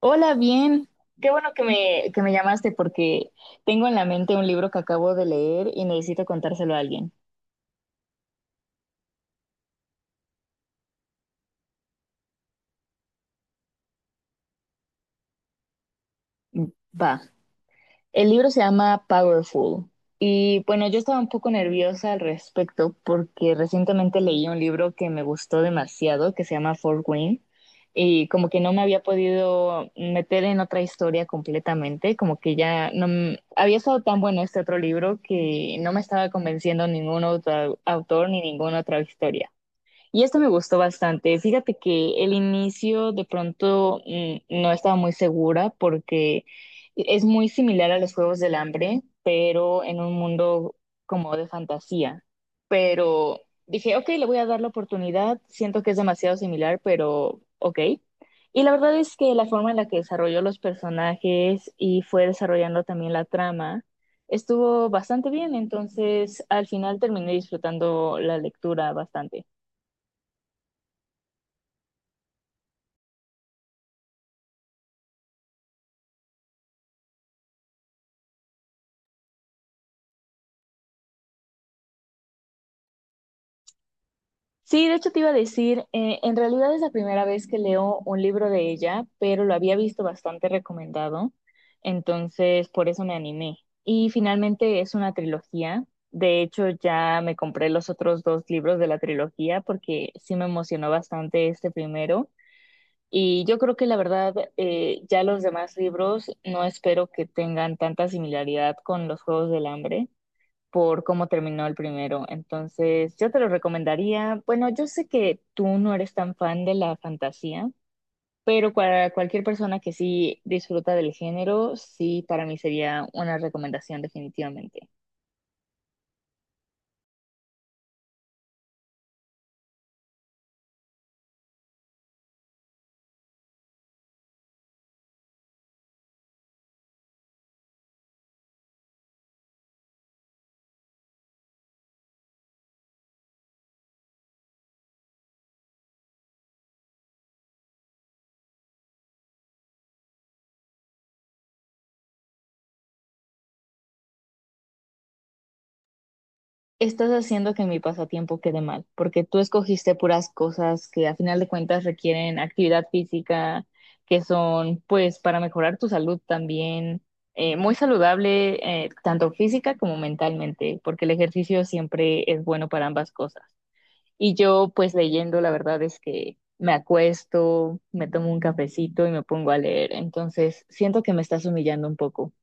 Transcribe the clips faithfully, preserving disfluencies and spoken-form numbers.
Hola, bien. Qué bueno que me, que me llamaste porque tengo en la mente un libro que acabo de leer y necesito contárselo a alguien. Mm, Va. El libro se llama Powerful. Y bueno, yo estaba un poco nerviosa al respecto porque recientemente leí un libro que me gustó demasiado, que se llama Fort Wayne, y como que no me había podido meter en otra historia completamente, como que ya no m- había estado tan bueno este otro libro que no me estaba convenciendo ningún otro au- autor ni ninguna otra historia. Y esto me gustó bastante. Fíjate que el inicio de pronto mm, no estaba muy segura porque e-, es muy similar a los Juegos del Hambre, pero en un mundo como de fantasía. Pero dije, ok, le voy a dar la oportunidad. Siento que es demasiado similar, pero ok. Y la verdad es que la forma en la que desarrolló los personajes y fue desarrollando también la trama estuvo bastante bien. Entonces, al final terminé disfrutando la lectura bastante. Sí, de hecho te iba a decir, eh, en realidad es la primera vez que leo un libro de ella, pero lo había visto bastante recomendado, entonces por eso me animé. Y finalmente es una trilogía. De hecho, ya me compré los otros dos libros de la trilogía porque sí me emocionó bastante este primero. Y yo creo que la verdad, eh, ya los demás libros no espero que tengan tanta similaridad con los Juegos del Hambre por cómo terminó el primero. Entonces, yo te lo recomendaría. Bueno, yo sé que tú no eres tan fan de la fantasía, pero para cualquier persona que sí disfruta del género, sí, para mí sería una recomendación definitivamente. Estás haciendo que mi pasatiempo quede mal, porque tú escogiste puras cosas que a final de cuentas requieren actividad física, que son pues para mejorar tu salud también, eh, muy saludable eh, tanto física como mentalmente, porque el ejercicio siempre es bueno para ambas cosas. Y yo pues leyendo, la verdad es que me acuesto, me tomo un cafecito y me pongo a leer, entonces siento que me estás humillando un poco.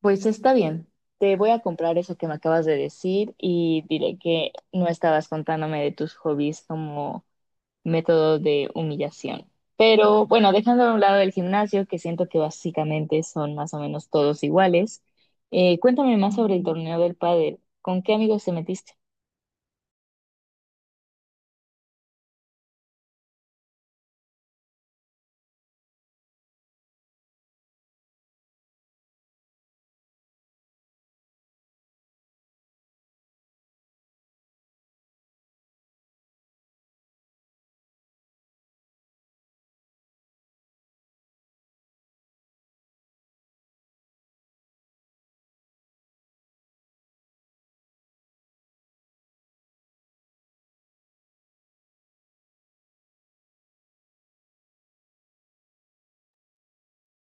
Pues está bien. Te voy a comprar eso que me acabas de decir y diré que no estabas contándome de tus hobbies como método de humillación. Pero bueno, dejando a un lado el gimnasio, que siento que básicamente son más o menos todos iguales, eh, cuéntame más sobre el torneo del pádel. ¿Con qué amigos te metiste?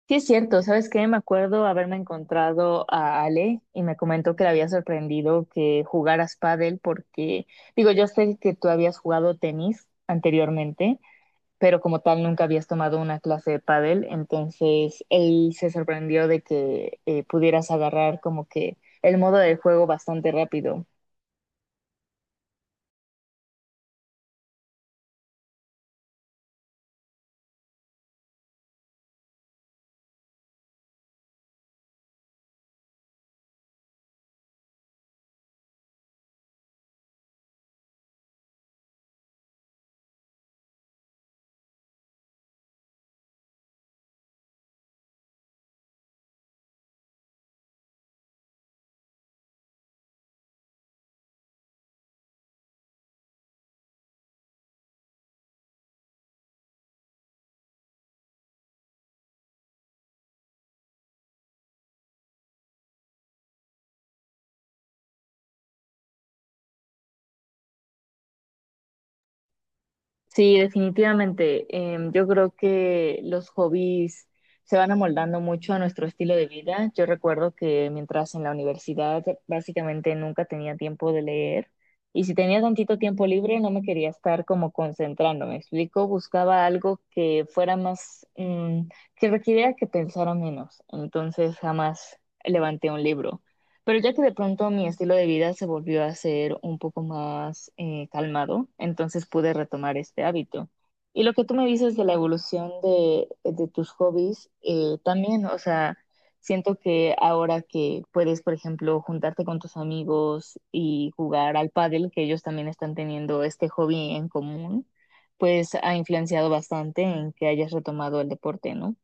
Sí, es cierto, ¿sabes qué? Me acuerdo haberme encontrado a Ale y me comentó que le había sorprendido que jugaras pádel porque, digo, yo sé que tú habías jugado tenis anteriormente pero como tal nunca habías tomado una clase de pádel, entonces él se sorprendió de que eh, pudieras agarrar como que el modo de juego bastante rápido. Sí, definitivamente. Em, yo creo que los hobbies se van amoldando mucho a nuestro estilo de vida. Yo recuerdo que mientras en la universidad básicamente nunca tenía tiempo de leer y si tenía tantito tiempo libre no me quería estar como concentrando, ¿me explico? Buscaba algo que fuera más, mm, que requiriera que pensara menos. Entonces jamás levanté un libro. Pero ya que de pronto mi estilo de vida se volvió a ser un poco más eh, calmado, entonces pude retomar este hábito. Y lo que tú me dices de la evolución de, de tus hobbies, eh, también, o sea, siento que ahora que puedes, por ejemplo, juntarte con tus amigos y jugar al pádel, que ellos también están teniendo este hobby en común, pues ha influenciado bastante en que hayas retomado el deporte, ¿no?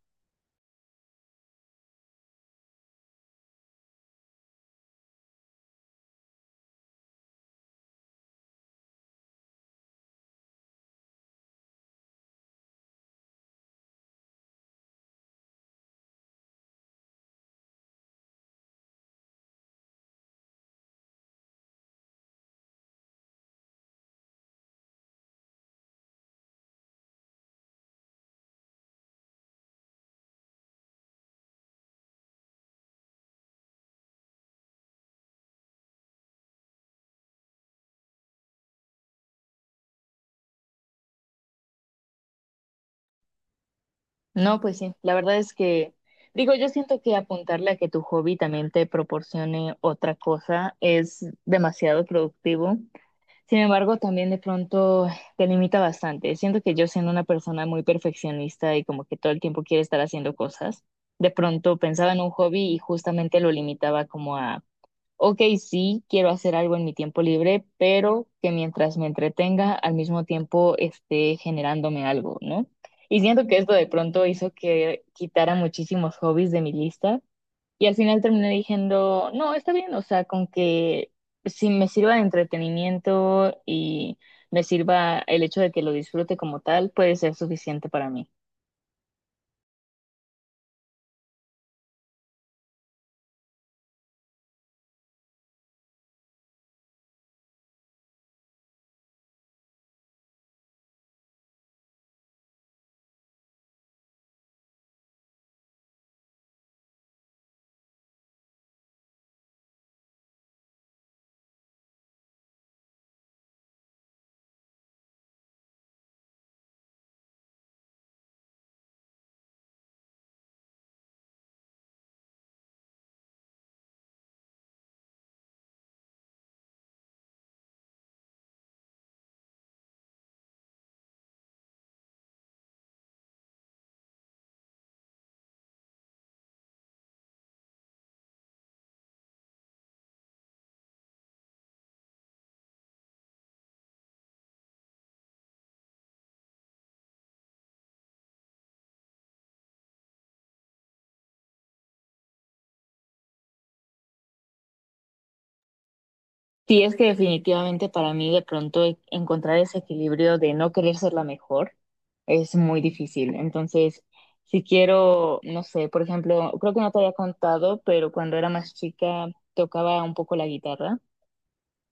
No, pues sí, la verdad es que, digo, yo siento que apuntarle a que tu hobby también te proporcione otra cosa es demasiado productivo. Sin embargo, también de pronto te limita bastante. Siento que yo siendo una persona muy perfeccionista y como que todo el tiempo quiere estar haciendo cosas, de pronto pensaba en un hobby y justamente lo limitaba como a ok, sí, quiero hacer algo en mi tiempo libre, pero que mientras me entretenga, al mismo tiempo esté generándome algo, ¿no? Y siento que esto de pronto hizo que quitara muchísimos hobbies de mi lista y al final terminé diciendo, no, está bien, o sea, con que si me sirva de entretenimiento y me sirva el hecho de que lo disfrute como tal, puede ser suficiente para mí. Sí, es que definitivamente para mí de pronto e- encontrar ese equilibrio de no querer ser la mejor es muy difícil. Entonces, si quiero, no sé, por ejemplo, creo que no te había contado, pero cuando era más chica tocaba un poco la guitarra.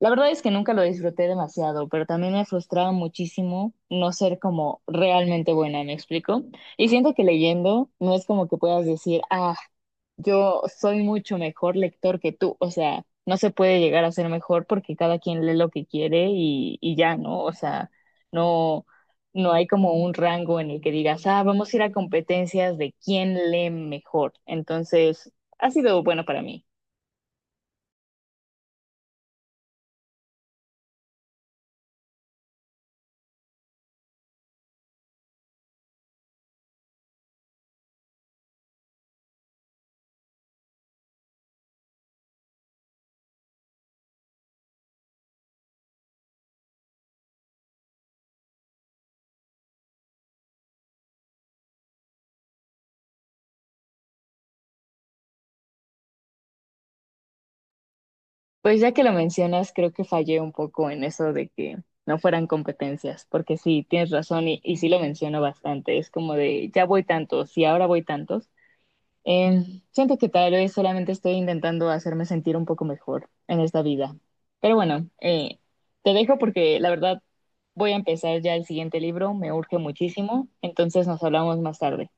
La verdad es que nunca lo disfruté demasiado, pero también me frustraba muchísimo no ser como realmente buena, ¿me explico? Y siento que leyendo no es como que puedas decir, ah, yo soy mucho mejor lector que tú, o sea, no se puede llegar a ser mejor porque cada quien lee lo que quiere y, y ya, ¿no? O sea, no, no hay como un rango en el que digas, ah, vamos a ir a competencias de quién lee mejor. Entonces, ha sido bueno para mí. Pues ya que lo mencionas, creo que fallé un poco en eso de que no fueran competencias, porque sí, tienes razón y, y sí lo menciono bastante. Es como de, ya voy tantos y ahora voy tantos. Eh, siento que tal vez solamente estoy intentando hacerme sentir un poco mejor en esta vida. Pero bueno, eh, te dejo porque la verdad voy a empezar ya el siguiente libro, me urge muchísimo, entonces nos hablamos más tarde.